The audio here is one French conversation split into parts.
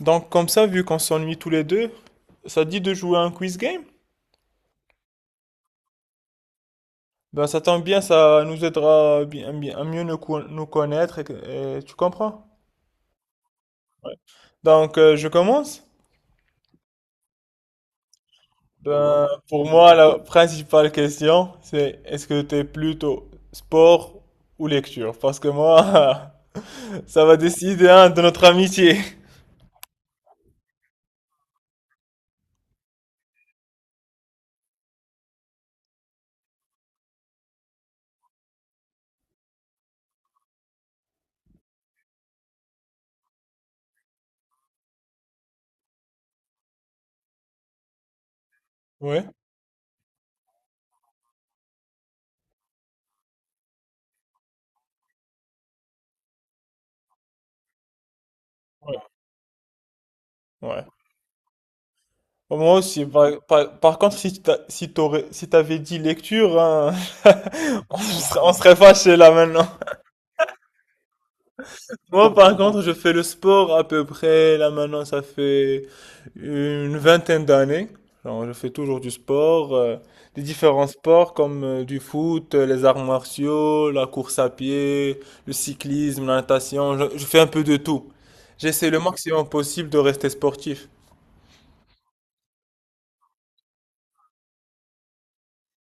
Donc comme ça, vu qu'on s'ennuie tous les deux, ça dit de jouer à un quiz game? Ben ça tombe bien, ça nous aidera à, mieux nous, nous connaître, et, et tu comprends? Donc je commence. Ben pour moi, la principale question, c'est est-ce que t'es plutôt sport ou lecture? Parce que moi, ça va décider hein, de notre amitié. Ouais, ouais. Bon, moi aussi. Par contre, si t'avais dit lecture, hein, on serait fâchés là maintenant. Moi, par contre, je fais le sport à peu près, là maintenant, ça fait une vingtaine d'années. Alors, je fais toujours du sport, des différents sports comme du foot, les arts martiaux, la course à pied, le cyclisme, la natation. Je fais un peu de tout. J'essaie le maximum possible de rester sportif.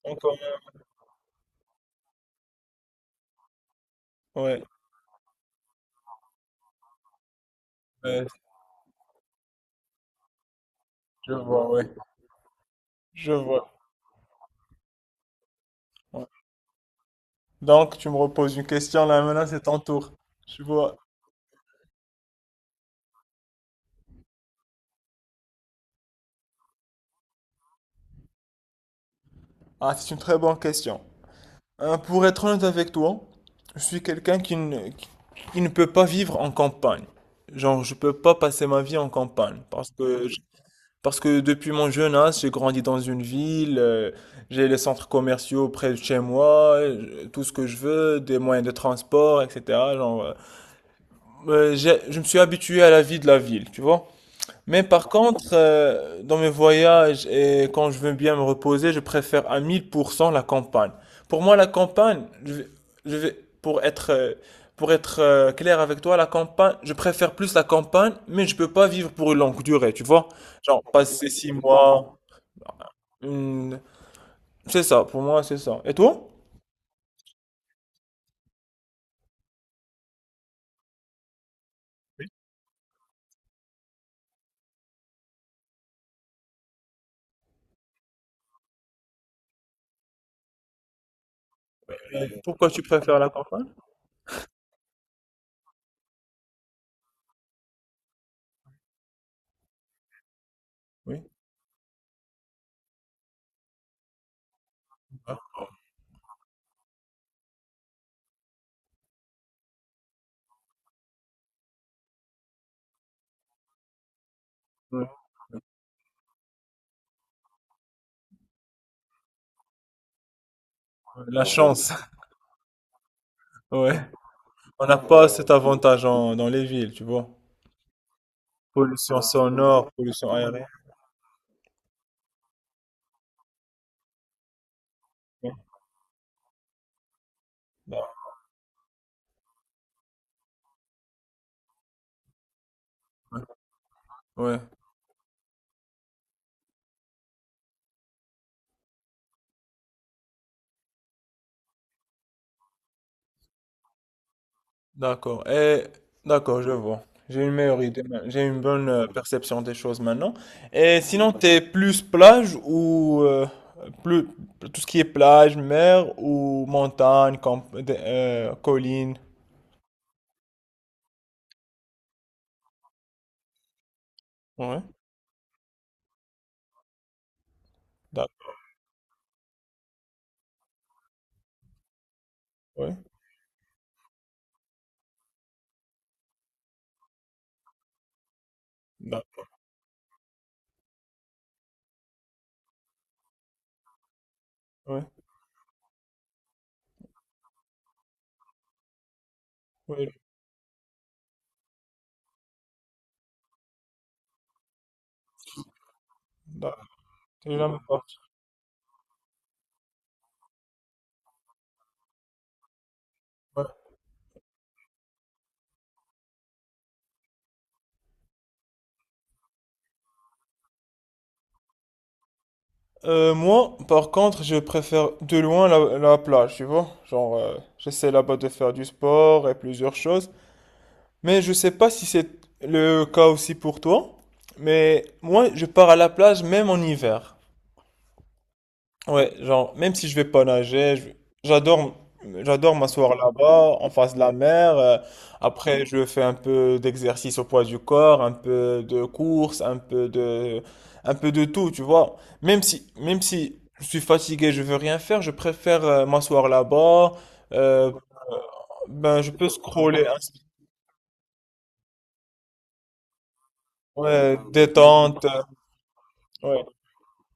Donc, ouais, ouais, je vois, ouais, je vois. Ouais. Donc, tu me reposes une question, là maintenant, c'est ton tour. Je vois. Ah, c'est une très bonne question. Pour être honnête avec toi, je suis quelqu'un qui ne peut pas vivre en campagne. Genre, je peux pas passer ma vie en campagne parce que depuis mon jeune âge, j'ai grandi dans une ville, j'ai les centres commerciaux près de chez moi, tout ce que je veux, des moyens de transport, etc. Genre, je me suis habitué à la vie de la ville, tu vois? Mais par contre, dans mes voyages et quand je veux bien me reposer, je préfère à 1000% la campagne. Pour moi, la campagne, pour être, clair avec toi, la campagne, je préfère plus la campagne, mais je peux pas vivre pour une longue durée, tu vois? Genre passer six mois, une- c'est ça, pour moi, c'est ça. Et toi? Pourquoi tu préfères la campagne? La chance, ouais. On n'a pas cet avantage dans les villes, tu vois. Pollution sonore, pollution aérienne, ouais. D'accord. Et d'accord, je vois. J'ai une meilleure idée, j'ai une bonne perception des choses maintenant. Et sinon, t'es plus plage ou plus tout ce qui est plage, mer ou montagne, camp, des, colline. Ouais. D'accord. Ouais. D'accord. Ouais. Ouais. D'accord. T'es jamais parti. Ouais. Moi, par contre, je préfère de loin la plage, tu vois. Genre, j'essaie là-bas de faire du sport et plusieurs choses. Mais je sais pas si c'est le cas aussi pour toi, mais moi je pars à la plage même en hiver. Ouais, genre même si je vais pas nager, j'adore j'adore m'asseoir là-bas en face de la mer. Après je fais un peu d'exercice au poids du corps, un peu de course, un peu de tout, tu vois. Même si je suis fatigué, je veux rien faire, je préfère m'asseoir là-bas. euh, ben je peux scroller, hein. Ouais, détente. Ouais.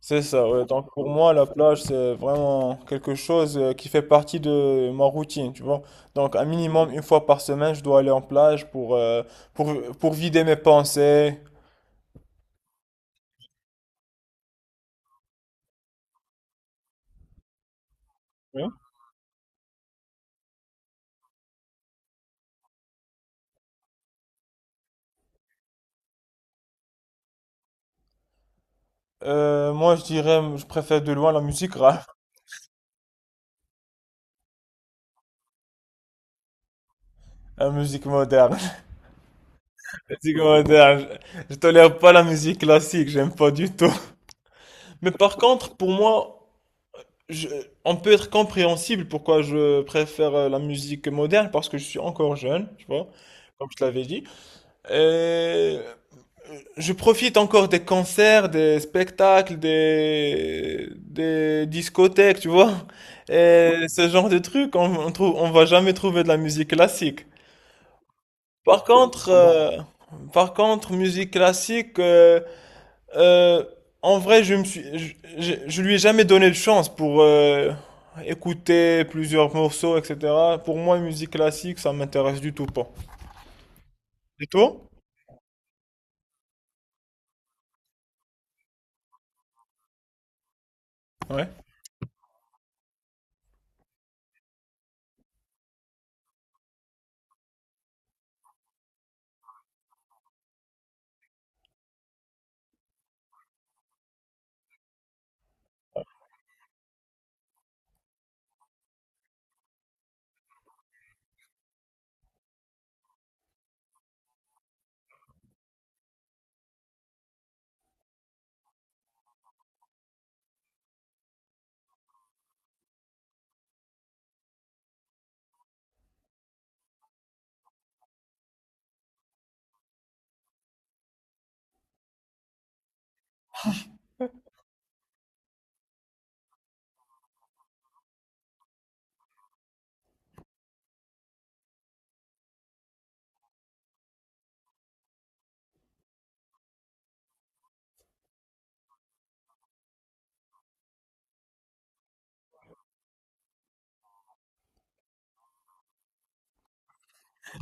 C'est ça, ouais. Donc pour moi, la plage, c'est vraiment quelque chose qui fait partie de ma routine, tu vois. Donc un minimum une fois par semaine, je dois aller en plage pour, pour vider mes pensées. Ouais. Moi, je dirais, je préfère de loin la musique rap, la musique moderne. La musique moderne, je tolère pas la musique classique, j'aime pas du tout. Mais par contre, pour moi, je- on peut être compréhensible pourquoi je préfère la musique moderne, parce que je suis encore jeune, tu vois, comme je te l'avais dit. Euh, je profite encore des concerts, des spectacles, des discothèques, tu vois. Et ce genre de trucs, on trouve, on va jamais trouver de la musique classique. Par contre, musique classique, euh, en vrai, je me suis, je lui ai jamais donné de chance pour écouter plusieurs morceaux, etc. Pour moi, musique classique, ça m'intéresse du tout pas. Du tout? Ouais.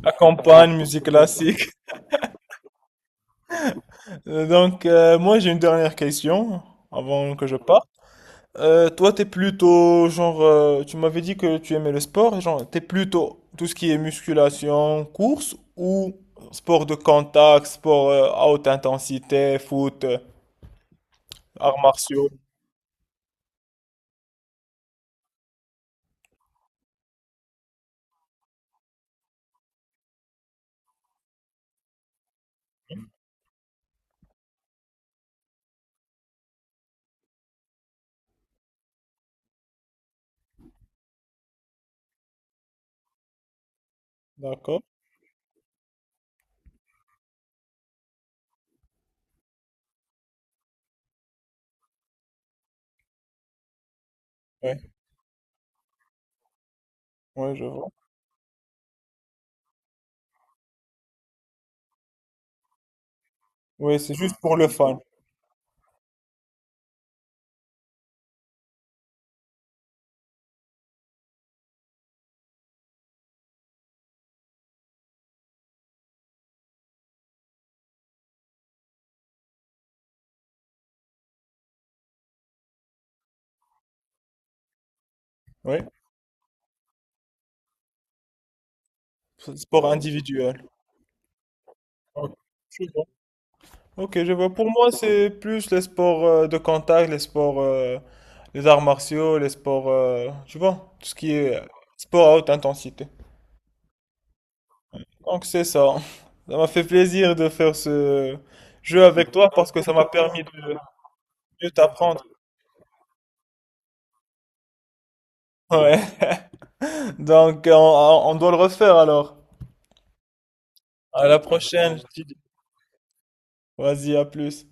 La campagne, musique classique. Moi, j'ai une dernière question avant que je parte. Toi, t'es plutôt, genre, tu m'avais dit que tu aimais le sport, et genre, t'es plutôt tout ce qui est musculation, course ou sport de contact, sport à haute intensité, foot, arts martiaux. D'accord. Oui, ouais, ouais, je vois. Oui, c'est juste pour le fun. Oui, sport individuel. Ok, je vois. Ok, je vois. Pour moi, c'est plus les sports de contact, les sports, les arts martiaux, les sports, tu vois, tout ce qui est sport à haute intensité. Donc c'est ça. Ça m'a fait plaisir de faire ce jeu avec toi parce que ça m'a permis de mieux t'apprendre. Ouais. Donc on doit le refaire alors. À la prochaine. Je te dis. Vas-y, à plus.